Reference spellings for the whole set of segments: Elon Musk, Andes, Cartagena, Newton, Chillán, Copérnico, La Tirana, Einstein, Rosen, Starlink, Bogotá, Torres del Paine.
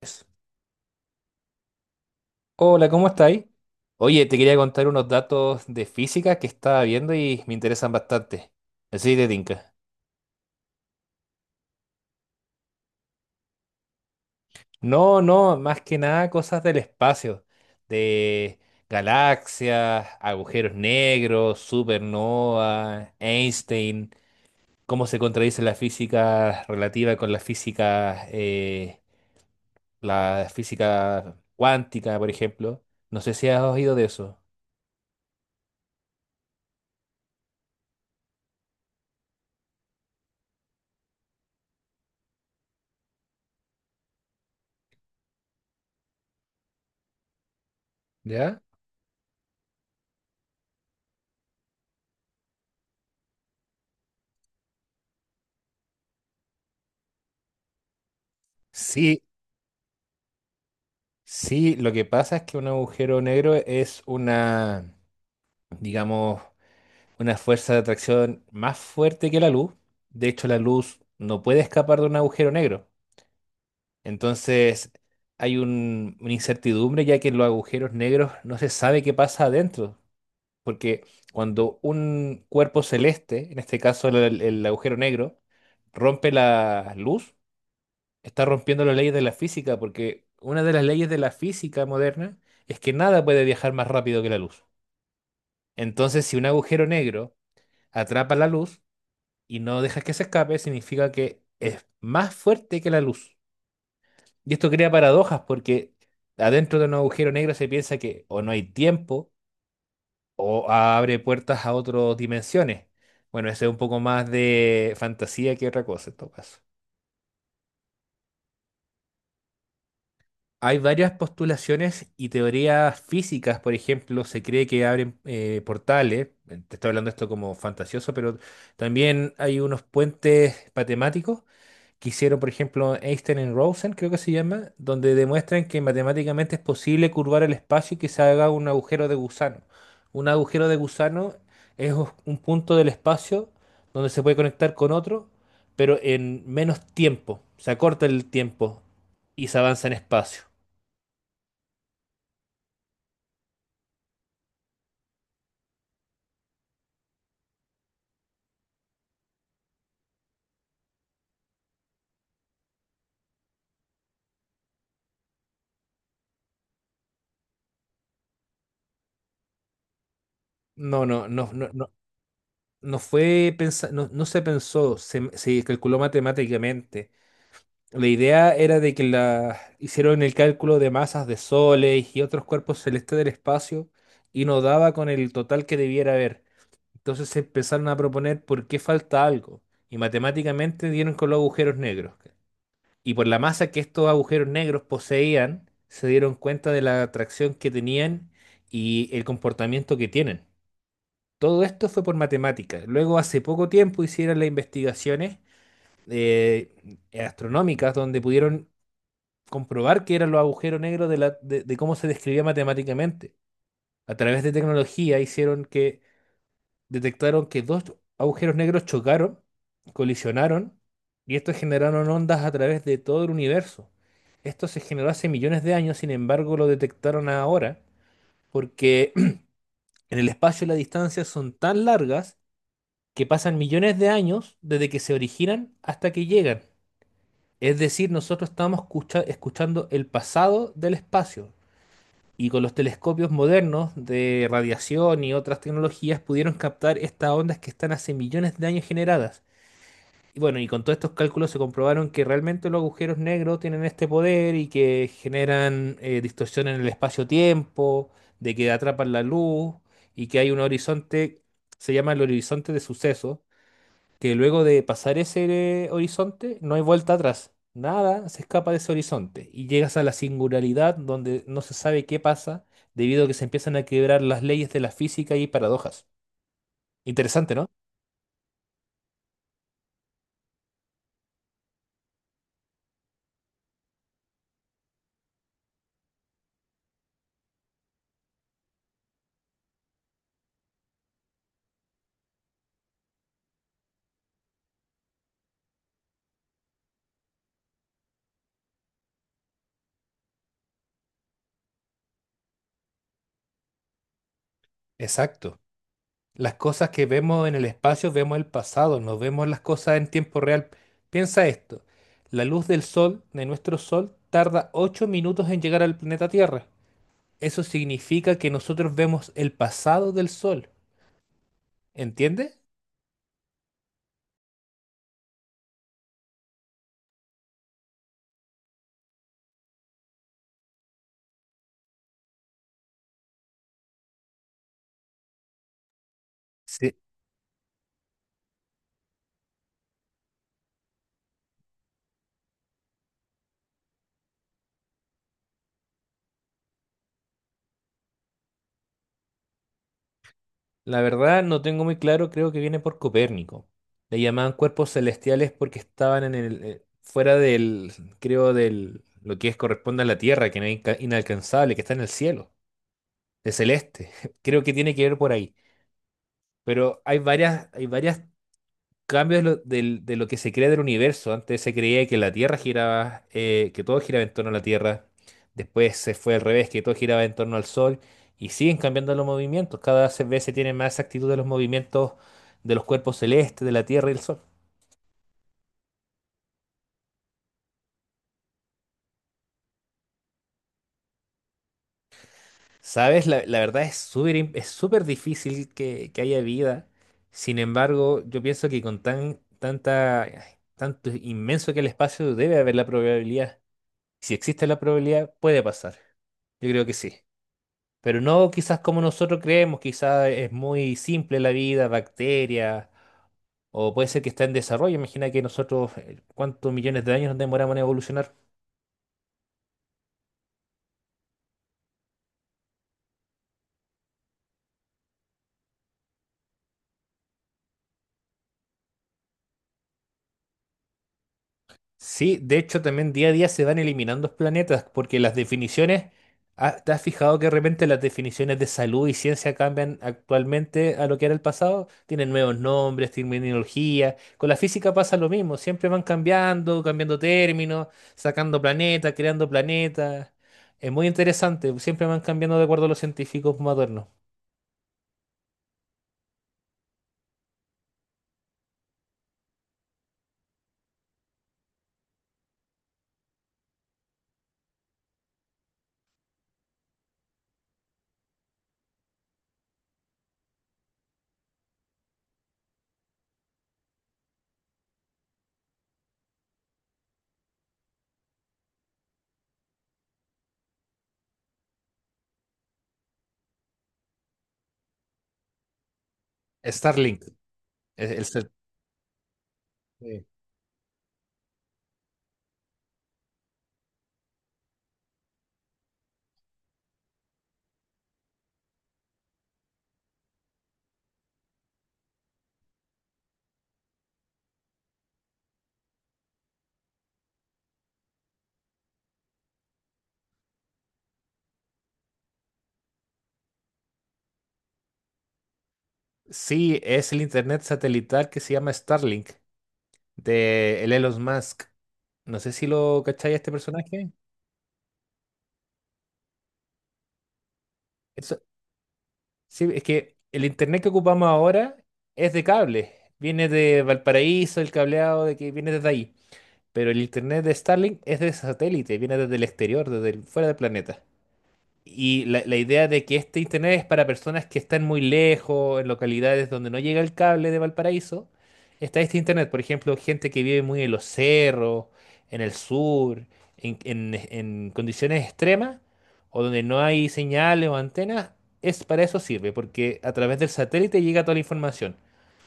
Pues, hola, ¿cómo estáis? Oye, te quería contar unos datos de física que estaba viendo y me interesan bastante. Así de tinca. No, no, más que nada cosas del espacio, de galaxias, agujeros negros, supernova, Einstein, cómo se contradice la física relativa con la física cuántica, por ejemplo. No sé si has oído de eso. ¿Ya? Sí. Sí, lo que pasa es que un agujero negro es una, digamos, una fuerza de atracción más fuerte que la luz. De hecho, la luz no puede escapar de un agujero negro. Entonces, hay una incertidumbre ya que en los agujeros negros no se sabe qué pasa adentro. Porque cuando un cuerpo celeste, en este caso el agujero negro, rompe la luz, está rompiendo las leyes de la física, porque una de las leyes de la física moderna es que nada puede viajar más rápido que la luz. Entonces, si un agujero negro atrapa la luz y no dejas que se escape, significa que es más fuerte que la luz. Y esto crea paradojas porque adentro de un agujero negro se piensa que o no hay tiempo o abre puertas a otras dimensiones. Bueno, eso es un poco más de fantasía que otra cosa en todo caso. Hay varias postulaciones y teorías físicas, por ejemplo, se cree que abren portales, te estoy hablando esto como fantasioso, pero también hay unos puentes matemáticos que hicieron, por ejemplo, Einstein y Rosen, creo que se llama, donde demuestran que matemáticamente es posible curvar el espacio y que se haga un agujero de gusano. Un agujero de gusano es un punto del espacio donde se puede conectar con otro, pero en menos tiempo, se acorta el tiempo y se avanza en espacio. No, no, no, no, no, no, se pensó, se calculó matemáticamente. La idea era de que hicieron el cálculo de masas de soles y otros cuerpos celestes del espacio y no daba con el total que debiera haber. Entonces se empezaron a proponer por qué falta algo. Y matemáticamente dieron con los agujeros negros. Y por la masa que estos agujeros negros poseían, se dieron cuenta de la atracción que tenían y el comportamiento que tienen. Todo esto fue por matemáticas. Luego, hace poco tiempo, hicieron las investigaciones eh, astronómicas donde pudieron comprobar que eran los agujeros negros de cómo se describía matemáticamente. A través de tecnología hicieron que detectaron que dos agujeros negros chocaron, colisionaron, y estos generaron ondas a través de todo el universo. Esto se generó hace millones de años, sin embargo, lo detectaron ahora porque en el espacio las distancias son tan largas que pasan millones de años desde que se originan hasta que llegan. Es decir, nosotros estamos escuchando el pasado del espacio. Y con los telescopios modernos de radiación y otras tecnologías pudieron captar estas ondas que están hace millones de años generadas. Y bueno, y con todos estos cálculos se comprobaron que realmente los agujeros negros tienen este poder y que generan distorsión en el espacio-tiempo, de que atrapan la luz y que hay un horizonte, se llama el horizonte de suceso, que luego de pasar ese horizonte no hay vuelta atrás. Nada se escapa de ese horizonte y llegas a la singularidad donde no se sabe qué pasa debido a que se empiezan a quebrar las leyes de la física y paradojas. Interesante, ¿no? Exacto. Las cosas que vemos en el espacio, vemos el pasado, no vemos las cosas en tiempo real. Piensa esto. La luz del sol, de nuestro sol, tarda 8 minutos en llegar al planeta Tierra. Eso significa que nosotros vemos el pasado del sol. Entiende. La verdad no tengo muy claro, creo que viene por Copérnico. Le llamaban cuerpos celestiales porque estaban en fuera creo, lo que es corresponde a la Tierra, que no es inalcanzable, que está en el cielo, de celeste. Creo que tiene que ver por ahí. Pero hay varias cambios de lo que se crea del universo. Antes se creía que la Tierra giraba, que todo giraba en torno a la Tierra. Después se fue al revés, que todo giraba en torno al Sol. Y siguen cambiando los movimientos. Cada vez se tiene más actitud de los movimientos de los cuerpos celestes, de la Tierra y el Sol. ¿Sabes? La verdad es es súper difícil que haya vida. Sin embargo, yo pienso que con tanta, tanto inmenso que el espacio debe haber la probabilidad. Si existe la probabilidad, puede pasar. Yo creo que sí. Pero no quizás como nosotros creemos, quizás es muy simple la vida, bacterias, o puede ser que está en desarrollo. Imagina que nosotros, ¿cuántos millones de años nos demoramos en evolucionar? Sí, de hecho también día a día se van eliminando planetas porque las definiciones, ah, ¿te has fijado que de repente las definiciones de salud y ciencia cambian actualmente a lo que era el pasado? Tienen nuevos nombres, terminología. Con la física pasa lo mismo, siempre van cambiando, cambiando términos, sacando planetas, creando planetas. Es muy interesante, siempre van cambiando de acuerdo a los científicos modernos. Starlink. Es el Sí. Sí, es el internet satelital que se llama Starlink, de el Elon Musk. No sé si lo cacháis a este personaje. Eso, sí, es que el internet que ocupamos ahora es de cable. Viene de Valparaíso, el cableado de que viene desde ahí. Pero el internet de Starlink es de satélite, viene desde el exterior, desde fuera del planeta. Y la idea de que este internet es para personas que están muy lejos, en localidades donde no llega el cable de Valparaíso, está este internet. Por ejemplo, gente que vive muy en los cerros, en el sur, en condiciones extremas, o donde no hay señales o antenas, es para eso sirve, porque a través del satélite llega toda la información.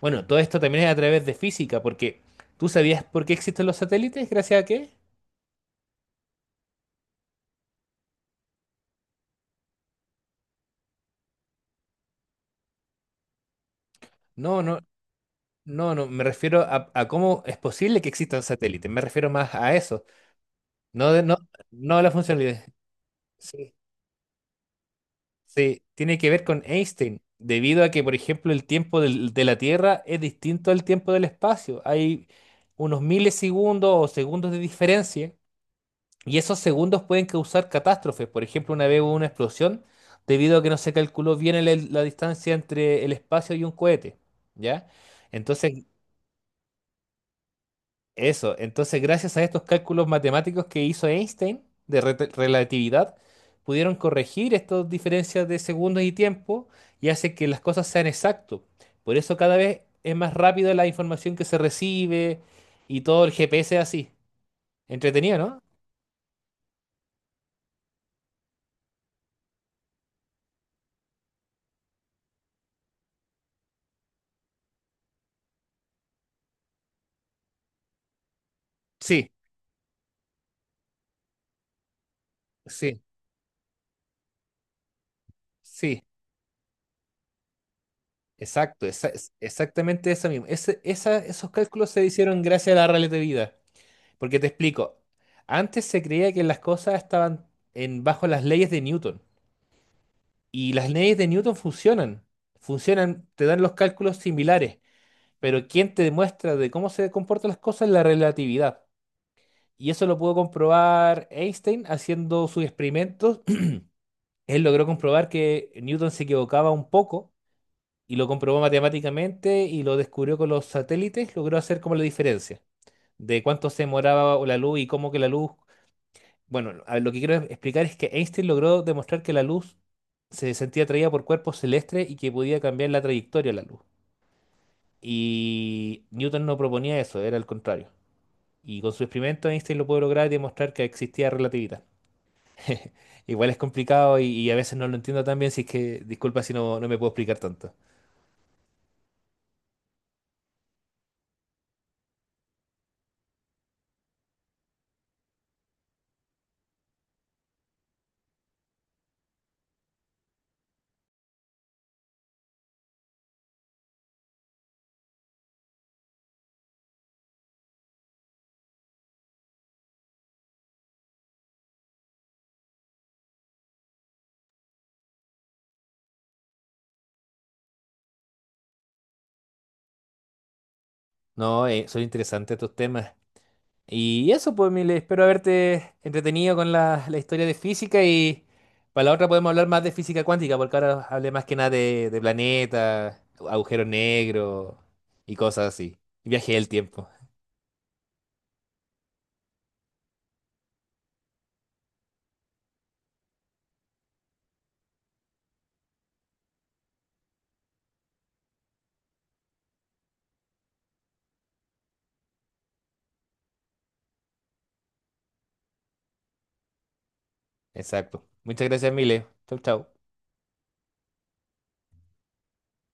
Bueno, todo esto también es a través de física, porque ¿tú sabías por qué existen los satélites? ¿Gracias a qué? No, no. No, no, me refiero a cómo es posible que exista un satélite. Me refiero más a eso. No, de- no, no a la funcionalidad. Sí, sí, tiene que ver con Einstein, debido a que, por ejemplo, el tiempo de la Tierra es distinto al tiempo del espacio. Hay unos milisegundos o segundos de diferencia, y esos segundos pueden causar catástrofes. Por ejemplo, una vez hubo una explosión debido a que no se calculó bien la distancia entre el espacio y un cohete. ¿Ya? Entonces, eso, entonces gracias a estos cálculos matemáticos que hizo Einstein de relatividad, pudieron corregir estas diferencias de segundos y tiempo y hace que las cosas sean exactas. Por eso cada vez es más rápido la información que se recibe y todo el GPS es así. Entretenido, ¿no? Sí, sí, sí, exacto, exactamente eso mismo. Esos cálculos se hicieron gracias a la relatividad. Porque te explico, antes se creía que las cosas estaban en, bajo las leyes de Newton. Y las leyes de Newton funcionan, funcionan, te dan los cálculos similares, pero quien te demuestra de cómo se comportan las cosas es la relatividad. Y eso lo pudo comprobar Einstein haciendo sus experimentos. Él logró comprobar que Newton se equivocaba un poco y lo comprobó matemáticamente y lo descubrió con los satélites, logró hacer como la diferencia de cuánto se demoraba la luz y cómo que la luz... Bueno, a ver, lo que quiero explicar es que Einstein logró demostrar que la luz se sentía atraída por cuerpos celestes y que podía cambiar la trayectoria de la luz. Y Newton no proponía eso, era el contrario. Y con su experimento Einstein lo pudo lograr y demostrar que existía relatividad. Igual es complicado y a veces no lo entiendo tan bien, si es que disculpa si no, no me puedo explicar tanto. No, son interesantes estos temas. Y eso, pues, Mile, espero haberte entretenido con la historia de física y para la otra podemos hablar más de física cuántica, porque ahora hablé más que nada de planetas, agujeros negros y cosas así. Y viaje del tiempo. Exacto. Muchas gracias, Mile. Chau, chau.